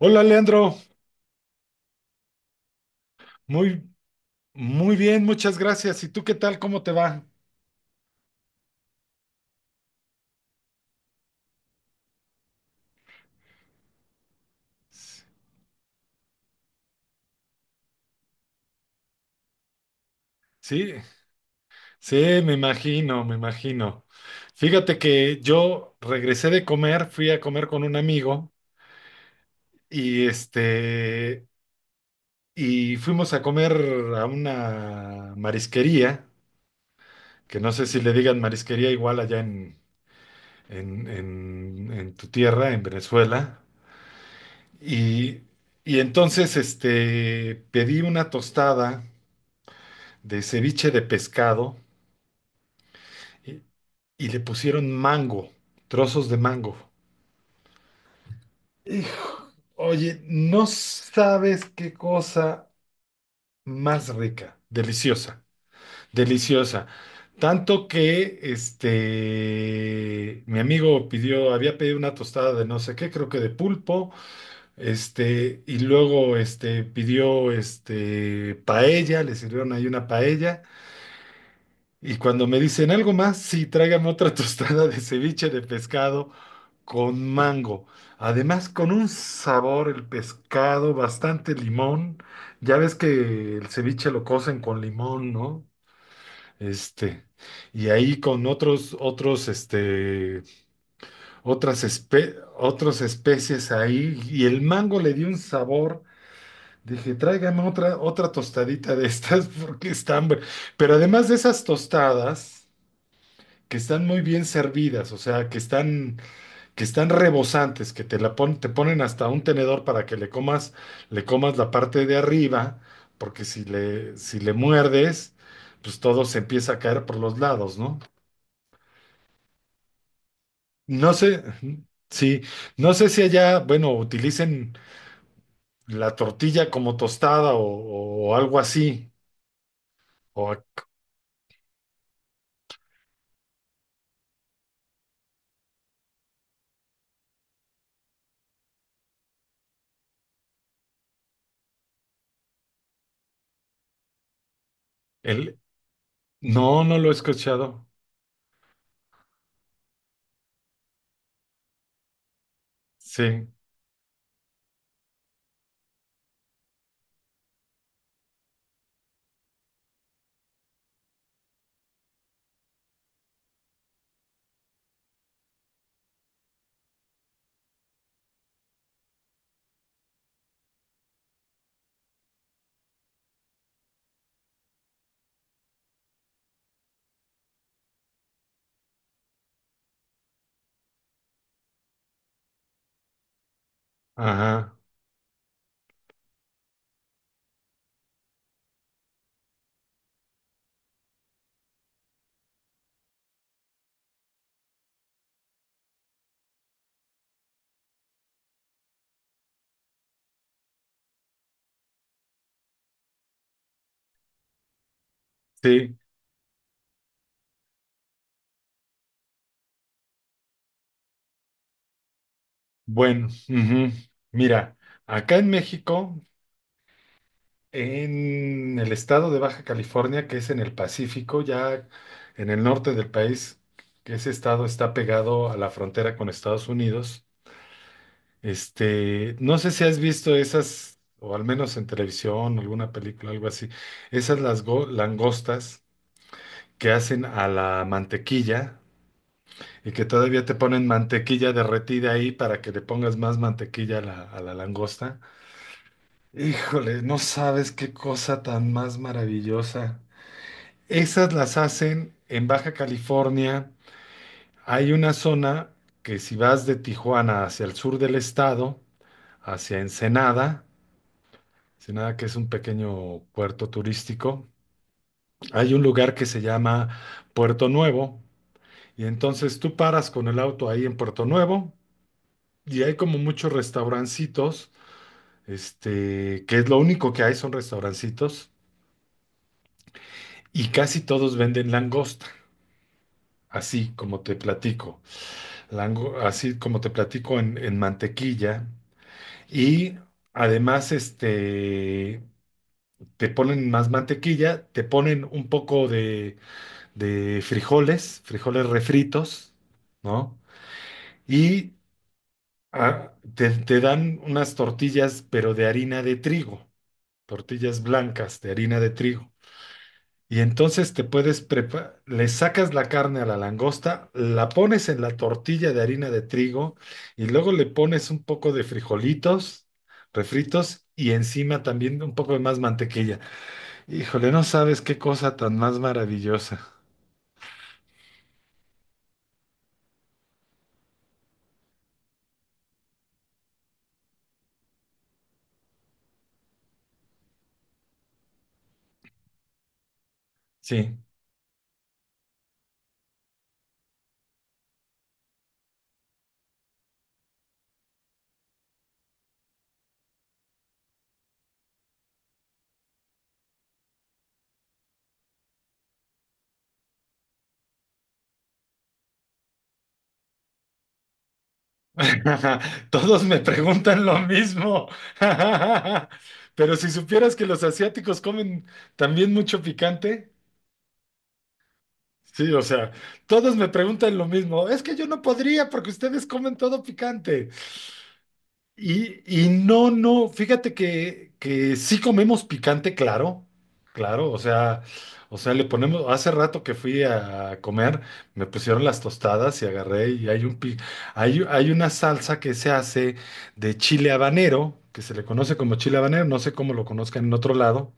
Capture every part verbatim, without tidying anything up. Hola Leandro, muy, muy bien, muchas gracias. ¿Y tú qué tal? ¿Cómo te va? Sí, sí, me imagino, me imagino. Fíjate que yo regresé de comer, fui a comer con un amigo y este, y fuimos a comer a una marisquería, que no sé si le digan marisquería igual allá en, en, en, en tu tierra, en Venezuela. Y, y entonces este, pedí una tostada de ceviche de pescado y, y le pusieron mango, trozos de mango. Hijo, oye, no sabes qué cosa más rica, deliciosa, deliciosa. Tanto que este mi amigo pidió, había pedido una tostada de no sé qué, creo que de pulpo, este, y luego este pidió este paella, le sirvieron ahí una paella, y cuando me dicen algo más, sí, tráigame otra tostada de ceviche de pescado con mango. Además, con un sabor, el pescado, bastante limón. Ya ves que el ceviche lo cocen con limón, ¿no? Este, y ahí con otros, otros, este, otras, espe- otras especies ahí, y el mango le dio un sabor. Dije, tráigame otra, otra tostadita de estas porque están hambre. Pero además de esas tostadas, que están muy bien servidas, o sea, que están que están rebosantes, que te la pon- te ponen hasta un tenedor para que le comas, le comas la parte de arriba, porque si le, si le muerdes, pues todo se empieza a caer por los lados, ¿no? No sé, sí, no sé si allá, bueno, utilicen la tortilla como tostada o, o algo así, o el, no, no lo he escuchado. Sí, ajá, sí, bueno, ujú. Mira, acá en México. En el estado de Baja California, que es en el Pacífico, ya en el norte del país, que ese estado está pegado a la frontera con Estados Unidos. Este, no sé si has visto esas, o al menos en televisión, alguna película, algo así, esas las go- langostas que hacen a la mantequilla y que todavía te ponen mantequilla derretida ahí para que le pongas más mantequilla a la, a la langosta. Híjole, no sabes qué cosa tan más maravillosa. Esas las hacen en Baja California. Hay una zona que si vas de Tijuana hacia el sur del estado, hacia Ensenada, Ensenada que es un pequeño puerto turístico, hay un lugar que se llama Puerto Nuevo. Y entonces tú paras con el auto ahí en Puerto Nuevo y hay como muchos restaurancitos, este, que es lo único que hay son restaurancitos y casi todos venden langosta, así como te platico. Lango- así como te platico, en, en mantequilla. Y además, este, te ponen más mantequilla, te ponen un poco de, de frijoles, frijoles refritos, ¿no? Y ah, te, te dan unas tortillas, pero de harina de trigo, tortillas blancas de harina de trigo. Y entonces te puedes preparar, le sacas la carne a la langosta, la pones en la tortilla de harina de trigo y luego le pones un poco de frijolitos refritos y encima también un poco de más mantequilla. Híjole, no sabes qué cosa tan más maravillosa. Sí. Todos me preguntan lo mismo. Pero si supieras que los asiáticos comen también mucho picante. Sí, o sea, todos me preguntan lo mismo. Es que yo no podría porque ustedes comen todo picante. Y, y no, no, fíjate que, que sí comemos picante, claro, claro, o sea, o sea, le ponemos, hace rato que fui a comer, me pusieron las tostadas y agarré y hay un, pi- hay, hay una salsa que se hace de chile habanero, que se le conoce como chile habanero, no sé cómo lo conozcan en otro lado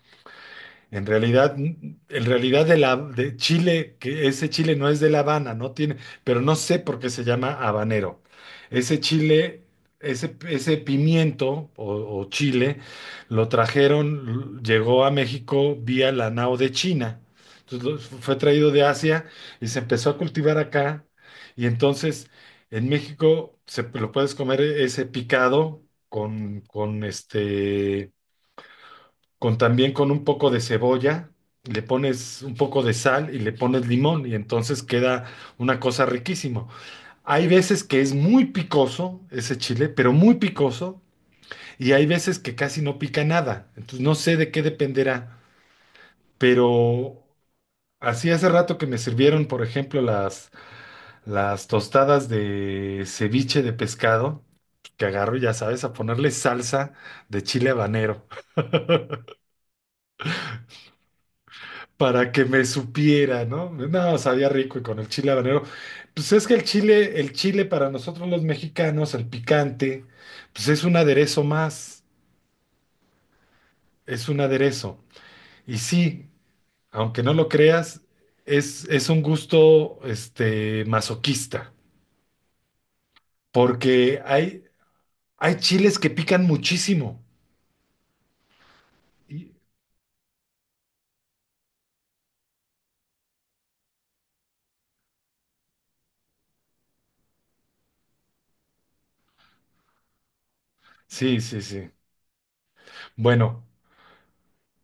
en realidad, en realidad de la de Chile, que ese Chile no es de La Habana, no tiene, pero no sé por qué se llama habanero. Ese chile, ese, ese pimiento o, o chile, lo trajeron, llegó a México vía la nao de China. Entonces lo- fue traído de Asia y se empezó a cultivar acá. Y entonces en México se lo puedes comer ese picado con, con este con también con un poco de cebolla, le pones un poco de sal y le pones limón y entonces queda una cosa riquísimo. Hay veces que es muy picoso ese chile, pero muy picoso, y hay veces que casi no pica nada. Entonces no sé de qué dependerá, pero así hace rato que me sirvieron, por ejemplo, las las tostadas de ceviche de pescado, que agarro, ya sabes, a ponerle salsa de chile habanero. Para que me supiera, ¿no? No, sabía rico y con el chile habanero. Pues es que el chile, el chile para nosotros los mexicanos, el picante, pues es un aderezo más, es un aderezo. Y sí, aunque no lo creas, es, es un gusto, este, masoquista, porque hay, hay chiles que pican muchísimo. Y- Sí, sí, sí. Bueno,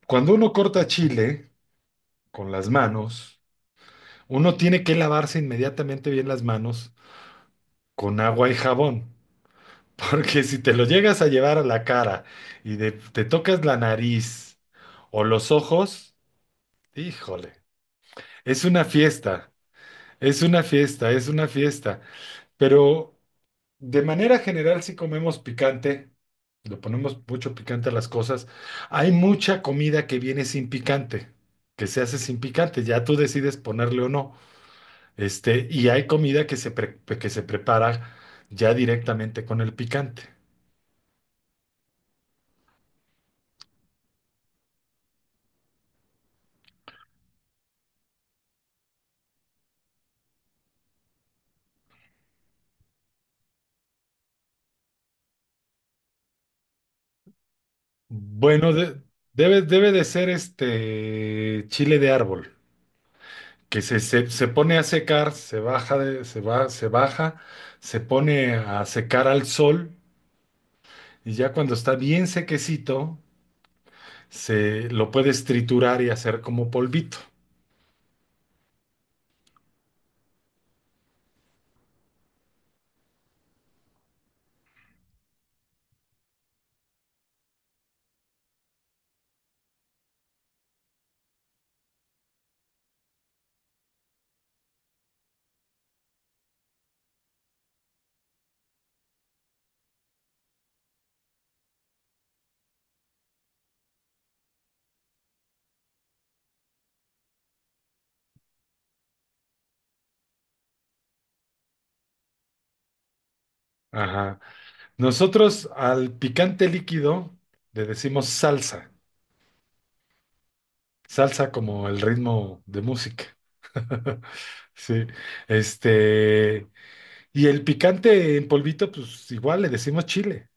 cuando uno corta chile con las manos, uno tiene que lavarse inmediatamente bien las manos con agua y jabón, porque si te lo llegas a llevar a la cara y de- te tocas la nariz o los ojos, híjole, es una fiesta, es una fiesta, es una fiesta, pero de manera general si comemos picante, le ponemos mucho picante a las cosas, hay mucha comida que viene sin picante. Que se hace sin picante, ya tú decides ponerle o no. Este, y hay comida que se pre- que se prepara ya directamente con el picante. Bueno, de- debe, debe de ser este chile de árbol, que se, se, se pone a secar, se baja, de- se va, se baja, se pone a secar al sol y ya cuando está bien sequecito, se lo puedes triturar y hacer como polvito. Ajá. Nosotros al picante líquido le decimos salsa, salsa como el ritmo de música. Sí, este. Y el picante en polvito, pues igual le decimos chile.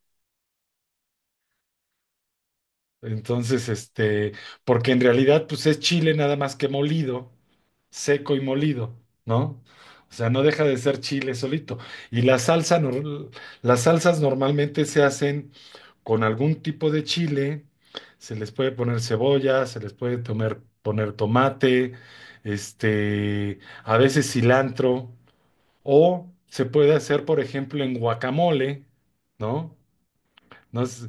Entonces, este, porque en realidad, pues es chile nada más que molido, seco y molido, ¿no? O sea, no deja de ser chile solito. Y la salsa, nor- Las salsas normalmente se hacen con algún tipo de chile. Se les puede poner cebolla, se les puede tomer- poner tomate, este, a veces cilantro, o se puede hacer, por ejemplo, en guacamole, ¿no? ¿no? Es-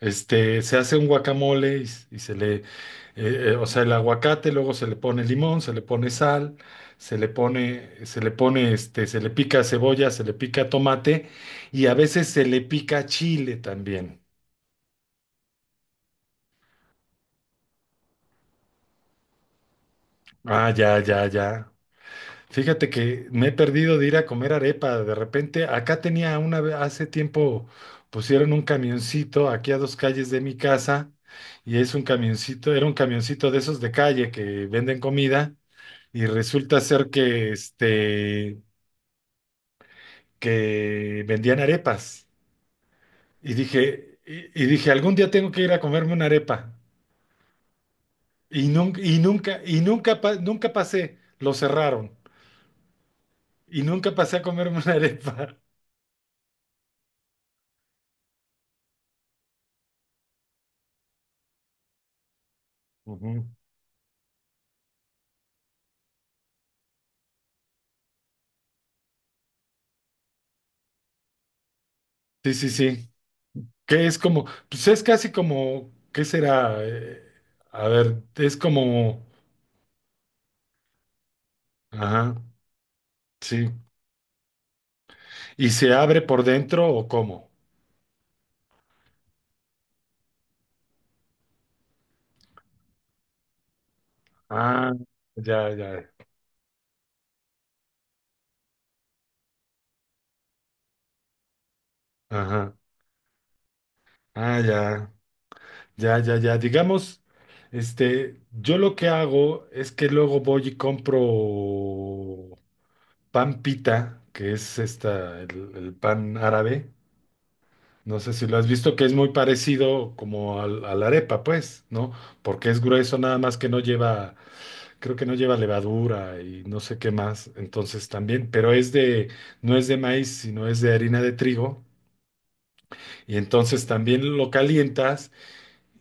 Este, se hace un guacamole y, s- y se le, eh, eh, o sea, el aguacate, luego se le pone limón, se le pone sal, se le pone, se le pone, este, se le pica cebolla, se le pica tomate y a veces se le pica chile también. Ah, ya, ya, ya. Fíjate que me he perdido de ir a comer arepa. De repente, acá tenía una vez, hace tiempo pusieron un camioncito aquí a dos calles de mi casa y es un camioncito, era un camioncito de esos de calle que venden comida y resulta ser que, este, que vendían arepas. Y dije, y, y dije, algún día tengo que ir a comerme una arepa. Y nunca, y nunca, y nunca, pa- nunca pasé, lo cerraron. Y nunca pasé a comerme una arepa. Ujú. Sí, sí, sí. Que es como, pues es casi como, ¿qué será? Eh, a ver, es como, ajá, sí. ¿Y se abre por dentro o cómo? Ah, ya, ya, ajá, ah, ya. Ya, ya, ya. Digamos, este, yo lo que hago es que luego voy y compro pan pita, que es esta, el, el pan árabe. No sé si lo has visto, que es muy parecido como al- a la arepa, pues, ¿no? Porque es grueso, nada más que no lleva, creo que no lleva levadura y no sé qué más. Entonces también, pero es de, no es de maíz, sino es de harina de trigo. Y entonces también lo calientas.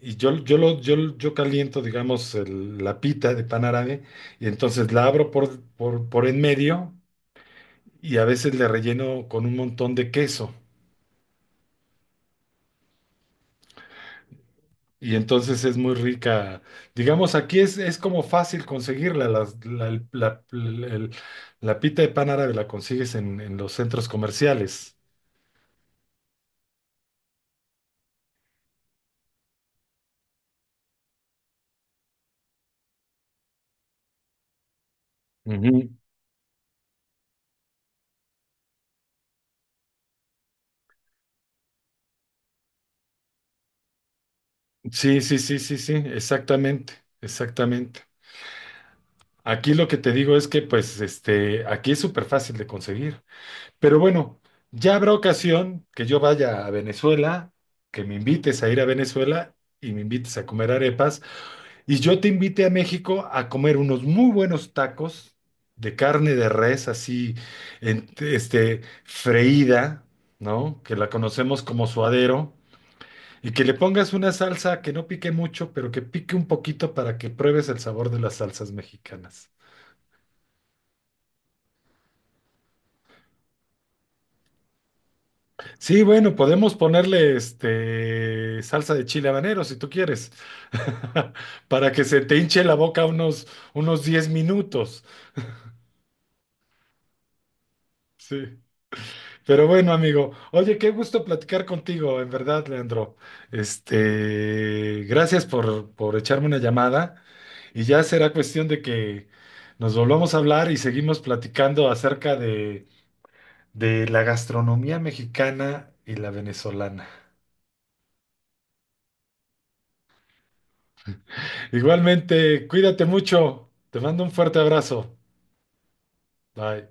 Y yo, yo, lo, yo, yo caliento, digamos, el- la pita de pan árabe y entonces la abro por, por, por en medio y a veces le relleno con un montón de queso. Y entonces es muy rica. Digamos, aquí es, es como fácil conseguirla. Las- La, el- la- el- la pita de pan árabe la consigues en, en los centros comerciales. Ujú. Sí, sí, sí, sí, sí, exactamente, exactamente. Aquí lo que te digo es que, pues, este, aquí es súper fácil de conseguir. Pero bueno, ya habrá ocasión que yo vaya a Venezuela, que me invites a ir a Venezuela y me invites a comer arepas, y yo te invite a México a comer unos muy buenos tacos de carne de res así, en- este, freída, ¿no? Que la conocemos como suadero, y que le pongas una salsa que no pique mucho, pero que pique un poquito para que pruebes el sabor de las salsas mexicanas. Sí, bueno, podemos ponerle este salsa de chile habanero si tú quieres, para que se te hinche la boca unos, unos diez minutos. Sí. Pero bueno, amigo, oye, qué gusto platicar contigo, en verdad, Leandro. Este, gracias por, por echarme una llamada y ya será cuestión de que nos volvamos a hablar y seguimos platicando acerca de, de la gastronomía mexicana y la venezolana. Igualmente, cuídate mucho. Te mando un fuerte abrazo. Bye.